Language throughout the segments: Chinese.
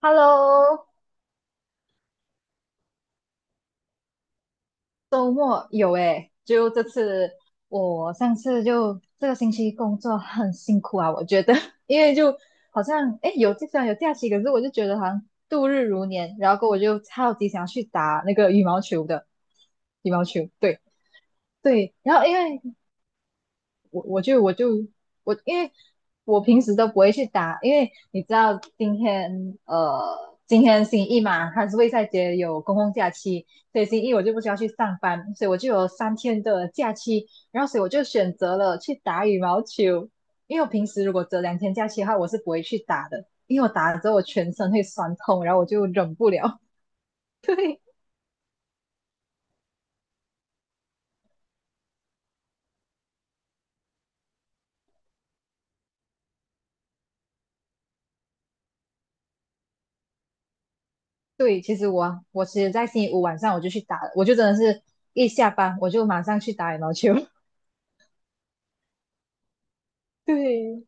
Hello，周末有诶，就这次我上次就这个星期工作很辛苦啊，我觉得，因为就好像虽然有假期，可是我就觉得好像度日如年，然后过后我就超级想要去打那个羽毛球，对，然后因为我我就我就我，因为我平时都不会去打，因为你知道今天星期一嘛，它是卫赛节有公共假期，所以星期一我就不需要去上班，所以我就有三天的假期，然后所以我就选择了去打羽毛球，因为我平时如果只有两天假期的话，我是不会去打的，因为我打了之后我全身会酸痛，然后我就忍不了。对对，其实我其实在星期五晚上我就去打了，我就真的是一下班我就马上去打羽毛球。对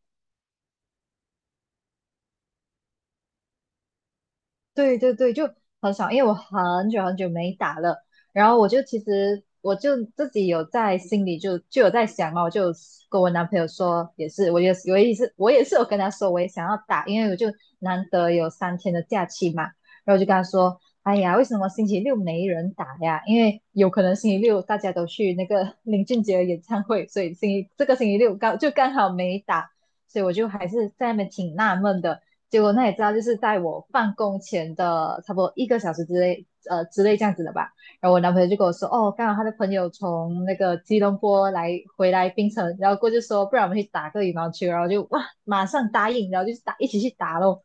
对，就很少，因为我很久没打了。然后我就其实我就自己有在心里就有在想嘛，我就跟我男朋友说，也是，我也是，我也是，我也是有跟他说，我也想要打，因为我就难得有三天的假期嘛。然后我就跟他说，哎呀，为什么星期六没人打呀？因为有可能星期六大家都去那个 林俊杰的演唱会，所以星期六刚好没打，所以我就还是在那边挺纳闷的。结果那也知道，就是在我办公前的差不多一个小时之内，之类这样子的吧。然后我男朋友就跟我说，哦，刚好他的朋友从那个吉隆坡回来槟城，然后过去说，不然我们去打个羽毛球，然后就哇，马上答应，然后就打一起去打咯。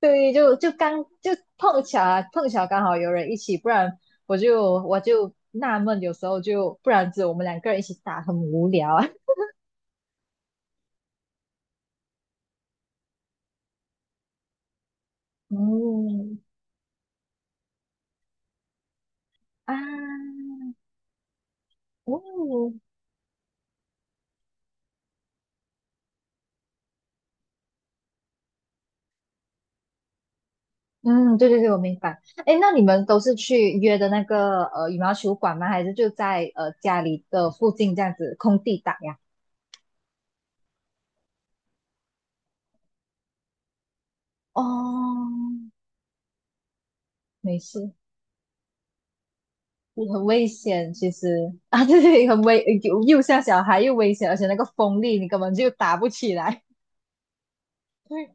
对，就就刚就碰巧啊，碰巧刚好有人一起，不然我就纳闷，有时候就不然只有我们两个人一起打很无聊啊。嗯啊，哦，嗯，对对对，我明白。哎，那你们都是去约的那个羽毛球馆吗？还是就在家里的附近这样子空地打呀？哦，没事，很危险，其实啊，对对，很危，又像小孩又危险，而且那个风力你根本就打不起来。对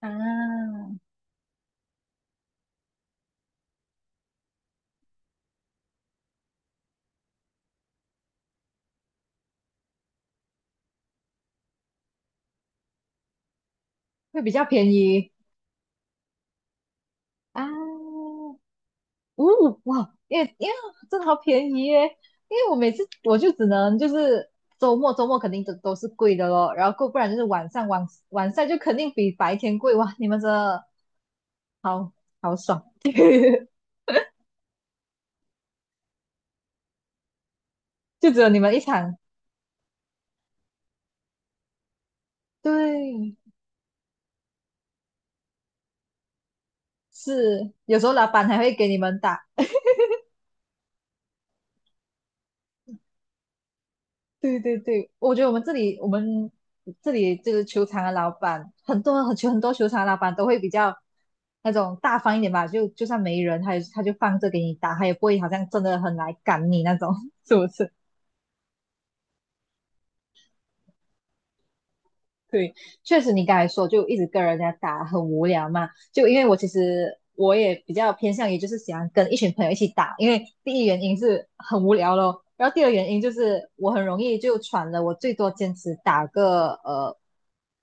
啊，会比较便宜啊。哦，哇，因为真的好便宜耶！因为我每次我就只能就是周末肯定都是贵的咯，然后够不然就是晚上就肯定比白天贵哇！你们真的好好爽，就只有你们一场，对，是有时候老板还会给你们打对对对，我觉得我们这里，这个球场的老板，很多球场的老板都会比较那种大方一点吧，就算没人，他就放着给你打，他也不会好像真的很来赶你那种，是不是？对，确实你刚才说就一直跟人家打很无聊嘛，就因为我其实我也比较偏向于就是喜欢跟一群朋友一起打，因为第一原因是很无聊咯，然后第二原因就是我很容易就喘了，我最多坚持打个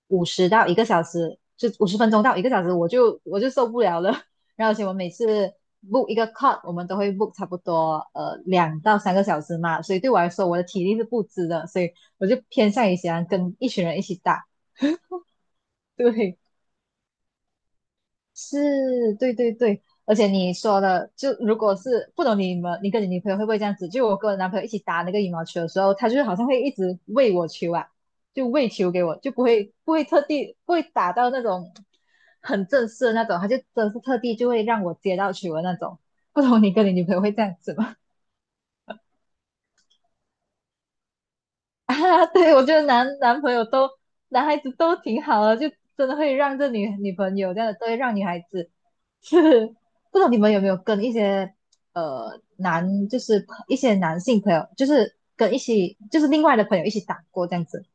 五十到一个小时，就五十分钟到一个小时，我就受不了了。然后而且我每次 book 一个 cut，我们都会 book 差不多两到三个小时嘛，所以对我来说我的体力是不支的，所以我就偏向于喜欢跟一群人一起打。对，是，对对对，而且你说的，就如果是不懂你们，你跟你女朋友会不会这样子？就我跟我男朋友一起打那个羽毛球的时候，他就是好像会一直喂我球啊，就喂球给我，就不会不会特地不会打到那种很正式的那种，他就真的是特地就会让我接到球的那种。不懂你跟你女朋友会这样子吗？啊，对，我觉得男朋友都男孩子都挺好的，就真的会让女朋友这样的，都会让女孩子。是，不知道你们有没有跟一些男，就是一些男性朋友，就是跟一起，就是另外的朋友一起打过这样子。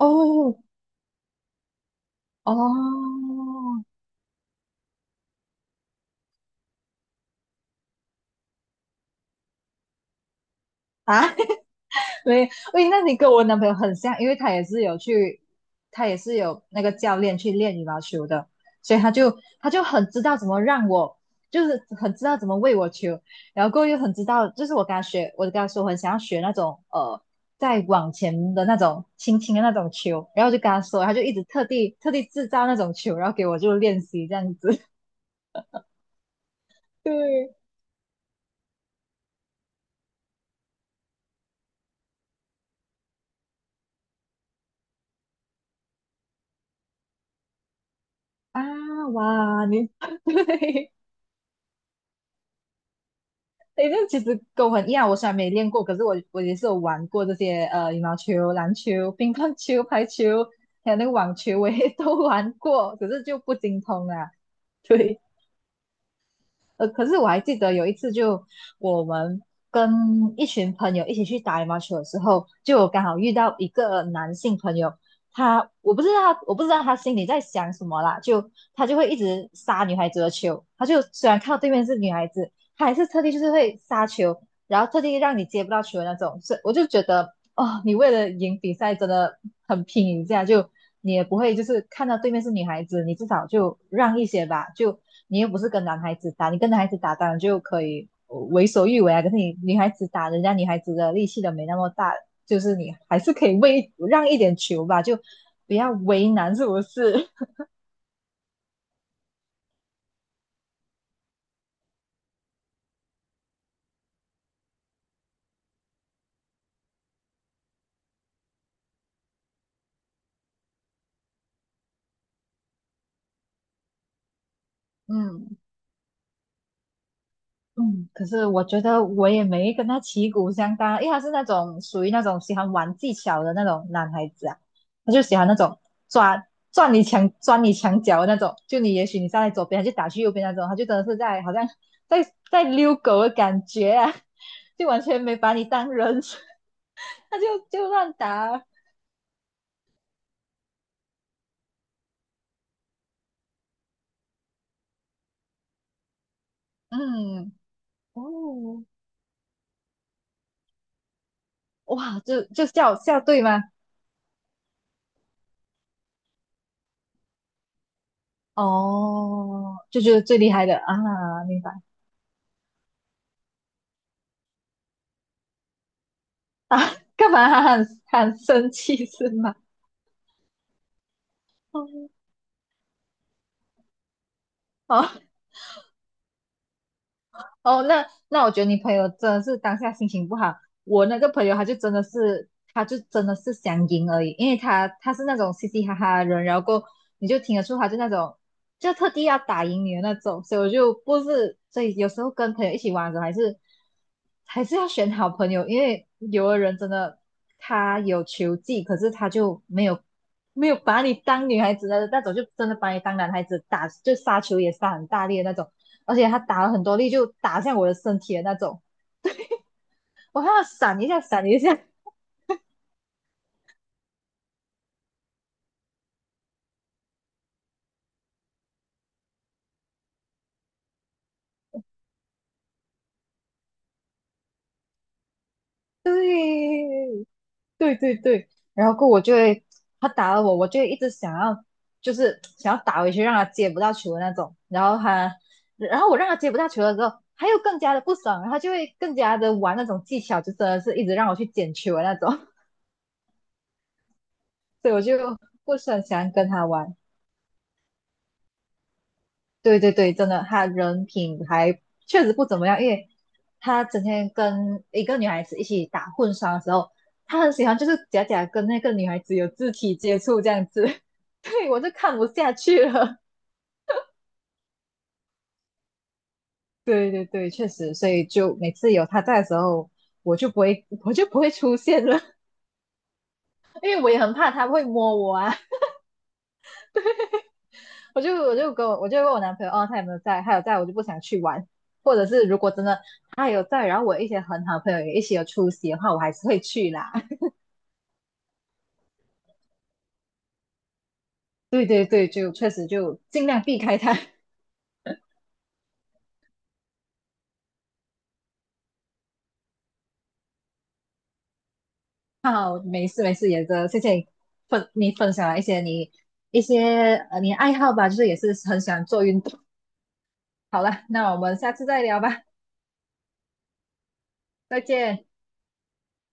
哦哦啊，对，喂，那你跟我男朋友很像，因为他也是有去，他也是有那个教练去练羽毛球的，所以他就很知道怎么让我，就是很知道怎么喂我球，然后过后又很知道，就是我跟他学，我就跟他说我很想要学那种再往前的那种轻轻的那种球，然后我就跟他说，他就一直特地制造那种球，然后给我就练习这样子。对啊，哇，你 对。诶，这其实跟我很一样，我虽然没练过，可是我也是有玩过这些羽毛球、篮球、乒乓球、排球，还有那个网球，我也 都玩过，可是就不精通啊。对，可是我还记得有一次就，我们跟一群朋友一起去打羽毛球的时候，就我刚好遇到一个男性朋友，他我不知道他心里在想什么啦，就他就会一直杀女孩子的球，他就虽然看到对面是女孩子，他还是特地就是会杀球。然后特地让你接不到球的那种，是我就觉得哦，你为了赢比赛真的很拼一下，就你也不会就是看到对面是女孩子，你至少就让一些吧，就你又不是跟男孩子打，你跟男孩子打当然就可以为所欲为啊，可是你女孩子打人家女孩子的力气都没那么大，就是你还是可以为让一点球吧，就不要为难，是不是？嗯，嗯，可是我觉得我也没跟他旗鼓相当，因为他是那种属于那种喜欢玩技巧的那种男孩子啊，他就喜欢那种抓转你墙钻你墙角的那种，就你也许你站在左边，他就打去右边那种，他就真的是好像在在遛狗的感觉啊，就完全没把你当人，他就乱打，嗯，哦，哇，就就叫校队吗？哦，就觉得最厉害的啊，明白。啊，干嘛还很生气是吗？哦，哦哦，那那我觉得你朋友真的是当下心情不好。我那个朋友他就真的是，他就真的是想赢而已，因为他他是那种嘻嘻哈哈的人，然后过后你就听得出他就那种就特地要打赢你的那种，所以我就不是，所以有时候跟朋友一起玩的时候还是要选好朋友，因为有的人真的他有球技，可是他就没有没有把你当女孩子的那种，就真的把你当男孩子打，就杀球也杀很大力的那种。而且他打了很多力，就打向我的身体的那种。我看到闪一下，闪一下，对，对对对。然后过我就会，他打了我，我就一直想要，就是想要打回去，让他接不到球的那种。然后他，然后我让他接不到球的时候，他又更加的不爽，然后他就会更加的玩那种技巧，就真的是一直让我去捡球的那种。所以我就不是很喜欢跟他玩。对对对，真的，他人品还确实不怎么样，因为他整天跟一个女孩子一起打混双的时候，他很喜欢就是假假跟那个女孩子有肢体接触这样子，对，我就看不下去了。对对对，确实，所以就每次有他在的时候，我就不会出现了，因为我也很怕他会摸我啊。我就问我男朋友，哦，他有没有在？他有在，我就不想去玩。或者是如果真的他有在，然后我一些很好的朋友也一起有出席的话，我还是会去啦。对对对，就确实就尽量避开他。好，没事没事，也的，谢谢你你分享了一些你一些你爱好吧，就是也是很喜欢做运动。好了，那我们下次再聊吧，再见。